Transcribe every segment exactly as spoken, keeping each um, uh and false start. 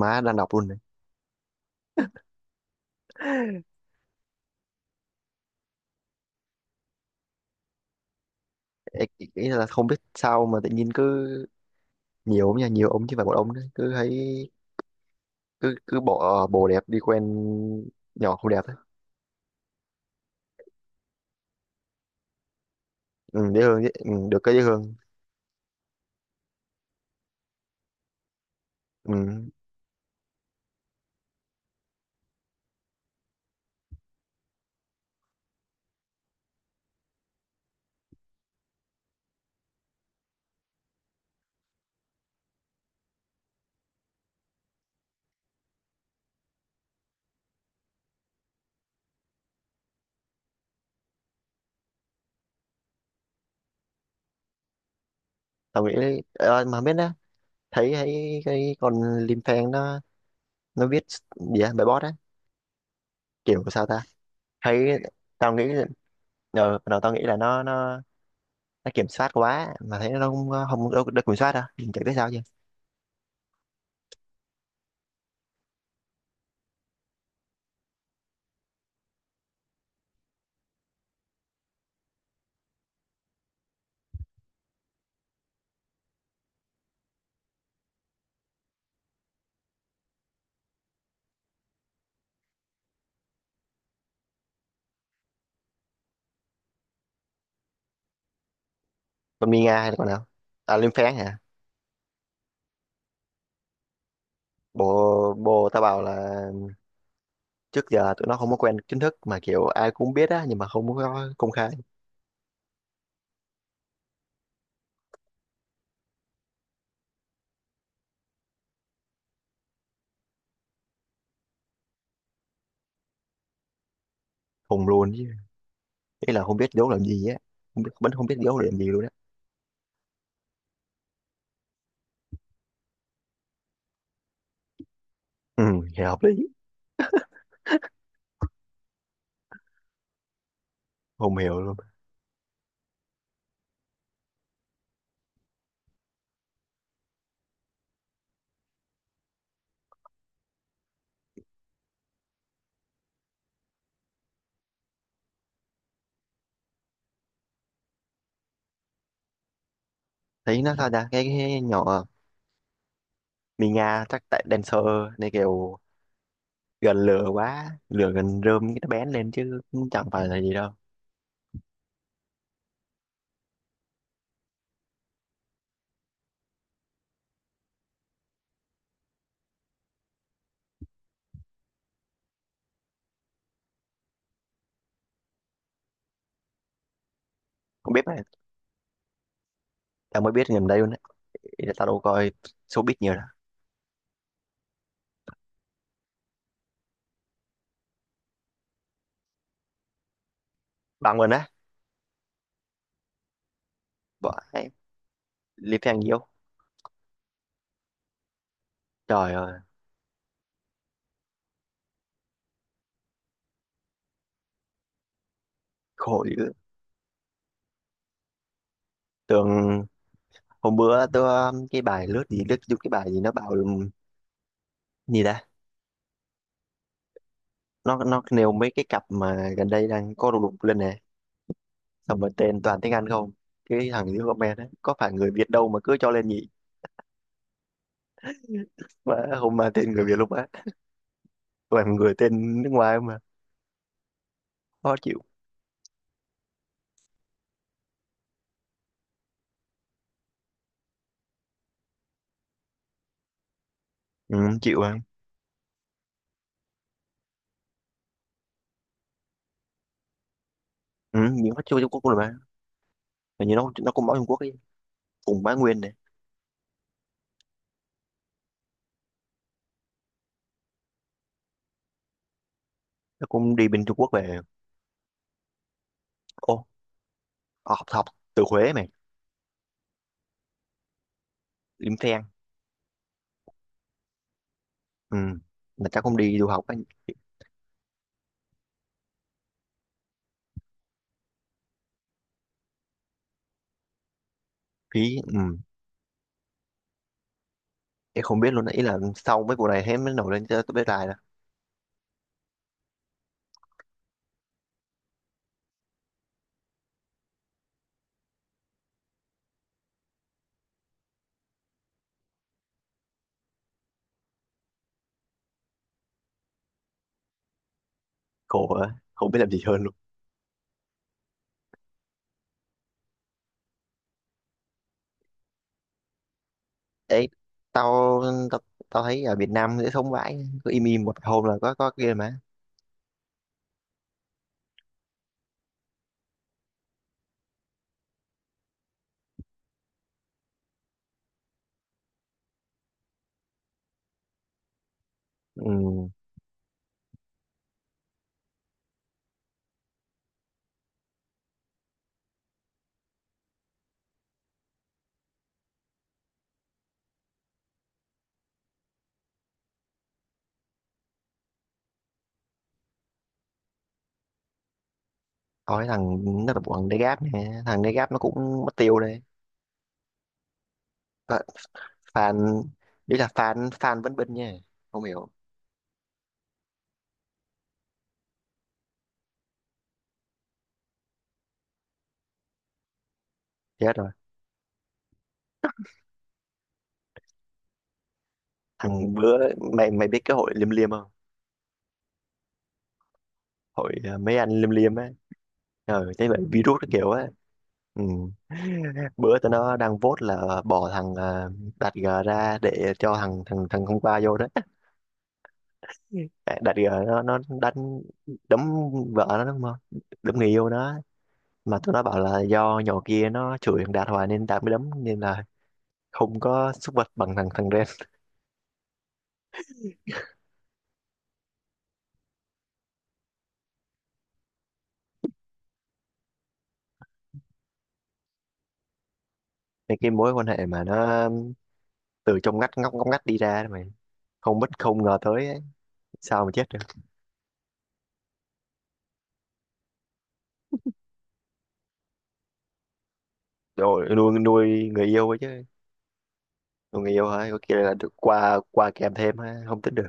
Má đang đọc luôn này. Ê, ý ý là không biết sao mà tự nhiên cứ nhiều ông nha, nhiều ông chứ phải một ông đấy, cứ thấy cứ cứ bỏ bồ đẹp đi quen nhỏ không đẹp ấy. Ừ, dễ thương dễ, ừ, được cái dễ thương. Ừ. Tao nghĩ đấy. Ờ, mà không biết đó. Thấy thấy cái con Lim Phen nó nó viết gì á, bài bót á, kiểu sao ta. Thấy tao nghĩ là, ờ, đầu tao nghĩ là nó nó nó kiểm soát quá mà thấy nó không không được, được kiểm soát đâu, mình chẳng biết sao chứ. Còn Mina hay là con nào, à Lim Phen hả? Bồ bồ tao bảo là trước giờ tụi nó không có quen chính thức mà kiểu ai cũng biết á, nhưng mà không có công khai. Hùng luôn chứ, ý là không biết giấu làm gì á, không biết vẫn không biết giấu làm gì luôn á. Ừ, thì hợp lý. Không hiểu luôn. Thấy nó sao ta, cái, cái nhỏ Mì Nga chắc tại dancer này, kiểu gần lửa quá, lửa gần rơm cái nó bén lên chứ cũng chẳng phải là gì đâu. Không biết mà tao mới biết gần đây luôn á, ý là tao đâu coi showbiz nhiều đâu. Bằng luôn á, bỏ em Lý Phan nhiều. Trời ơi, khổ dữ. Tưởng hôm bữa tôi um, cái bài lướt gì, lướt vô cái bài gì nó bảo um, gì ta, nó nó nêu mấy cái cặp mà gần đây đang có đùng đùng lên nè, xong rồi tên toàn tiếng Anh không. Cái thằng dưới comment ấy, có phải người Việt đâu mà cứ cho lên nhỉ? Mà không, mà tên người Việt luôn á, toàn người tên nước ngoài mà. Khó chịu. Ừ, chịu à. Ừ, nhưng nó chưa Trung Quốc luôn mà. Mà như nó nó cũng bảo Trung Quốc ấy, cùng Bá Nguyên này. Nó cũng đi bên Trung Quốc về. Ô, học học từ Huế mày. Liêm Phen. Ừ, mà chắc cũng đi du học á. Phí. Ừ. Em không biết luôn đấy, ý là sau mấy vụ này hết mới nổi lên cho tôi biết lại là. Khổ quá, không biết làm gì hơn luôn. Đấy tao tao, tao thấy ở Việt Nam dễ sống vãi, cứ im im một hôm là có có kia mà. Ừ. Tao thấy thằng nó là bộ thằng Degas nè, thằng Degas nó cũng mất tiêu đây. Và fan, đấy là fan, fan vẫn bên nha. Không hiểu. Chết rồi. Thằng bữa mày mày biết cái hội liêm liêm không? Hội ờ, mấy anh liêm liêm á. Ờ thế vậy virus nó kiểu á. Ừ. Bữa tụi nó đang vote là bỏ thằng, à, Đạt G ra để cho thằng thằng thằng hôm qua vô đó. À, Đạt G nó nó đánh đấm vợ nó đúng không? Đấm người yêu nó. Mà tụi nó bảo là do nhỏ kia nó chửi thằng Đạt hoài nên Đạt mới đấm, nên là không có xúc vật bằng thằng thằng Ren. Nên cái mối quan hệ mà nó từ trong ngách, ngóc ngóc ngách đi ra mà. Không biết không ngờ tới ấy. Sao mà chết được. Rồi nuôi nuôi người yêu ấy chứ. Còn người yêu hả? Có kia là được qua, qua kèm thêm ha, không tính được.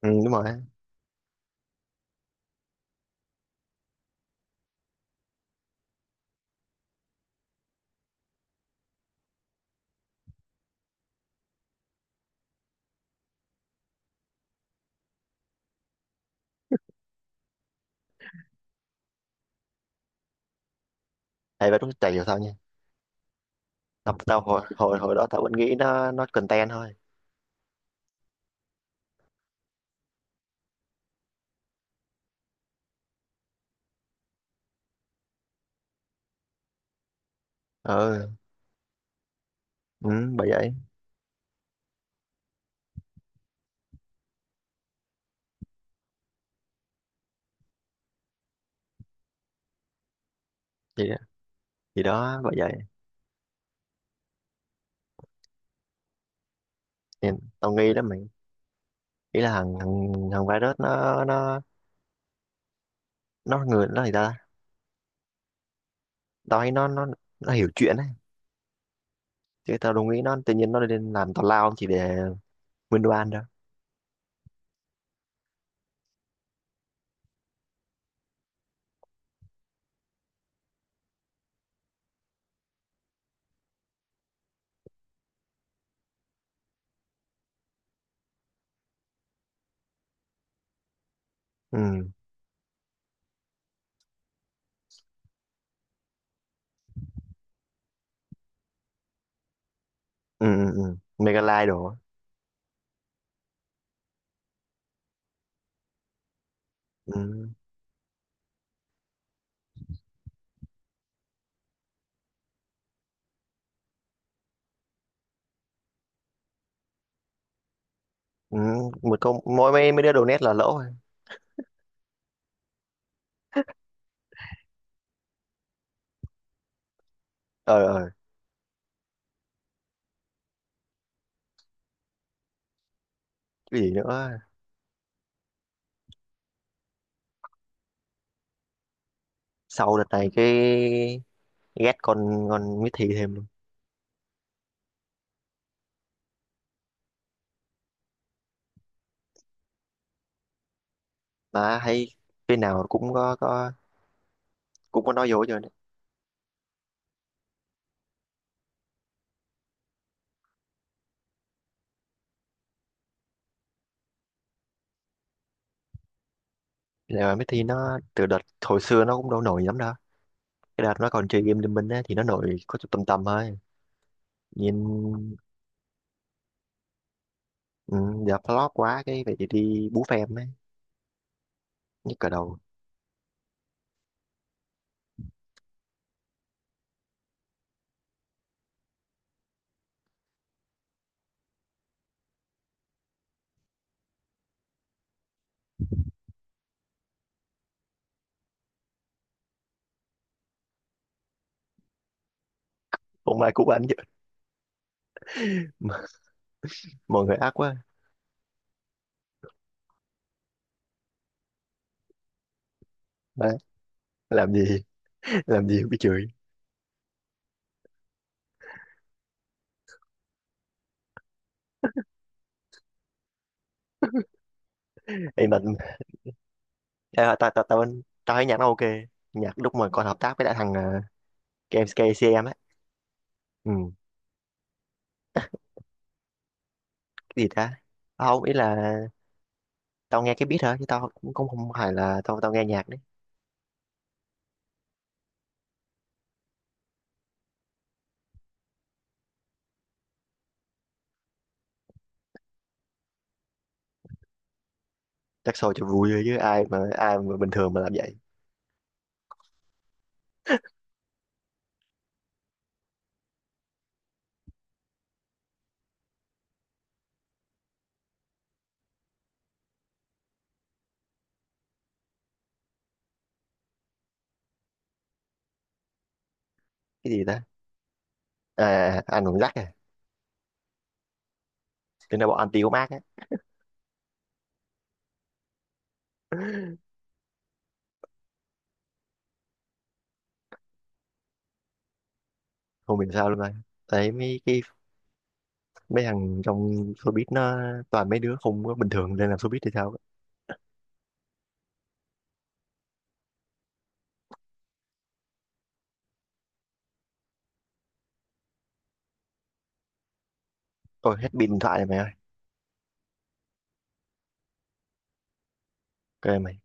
Ừ, đúng rồi. Hay vậy đúng chạy hiểu sao nha. Tao, tao hồi, hồi hồi đó tao vẫn nghĩ nó nó content thôi. Ừ, ừ, bởi vậy. Thì thì đó bởi vậy. Thì tao nghi lắm mày. Nghĩ là thằng thằng thằng virus nó nó nó người nó thì ta. Tao thấy nó nó nó hiểu chuyện ấy. Chứ tao đâu nghĩ nó tự nhiên nó lên làm tào lao chỉ để win đồ ăn đâu. Ừ. Ừ ừ ừ. Mega like đồ á. Ừ. Ừ. Một câu mỗi mấy mấy đứa đồ nét là lỗ rồi. Ờ ờ, cái gì nữa, sau đợt này cái ghét con con Miss Thi thêm luôn. Mà thấy cái nào cũng có có cũng có nói vô rồi. Là Miss Thi nó từ đợt hồi xưa nó cũng đâu nổi lắm đâu, cái đợt nó còn chơi game Liên Minh á thì nó nổi có chút tầm tầm thôi. Nhìn ừ, giờ flop quá cái vậy thì đi bú phèm ấy. Nhức cả đầu. Hôm nay cũng ăn chứ mọi người ác quá. Má, làm gì làm gì cũng bị chửi. Em mình, à, tao tao tao tao thấy nhạc nó ok. Nhạc lúc mà còn hợp tác với lại thằng à, ca em ét ca em xê em á. Ừ, gì ta. Tao không, ý là tao nghe cái beat hả, chứ tao cũng cũng không phải là tao tao nghe nhạc đấy. Chắc show cho vui thôi chứ ai mà ai mà bình thường mà làm vậy. Cái gì ta, à anh còn rắc à. Tính ra bọn anti của Mark á, không hiểu sao luôn rồi. Thấy mấy cái mấy thằng trong showbiz nó toàn mấy đứa không có bình thường lên làm showbiz thì sao á. Ôi hết pin điện thoại này mày ơi. Kệ mày.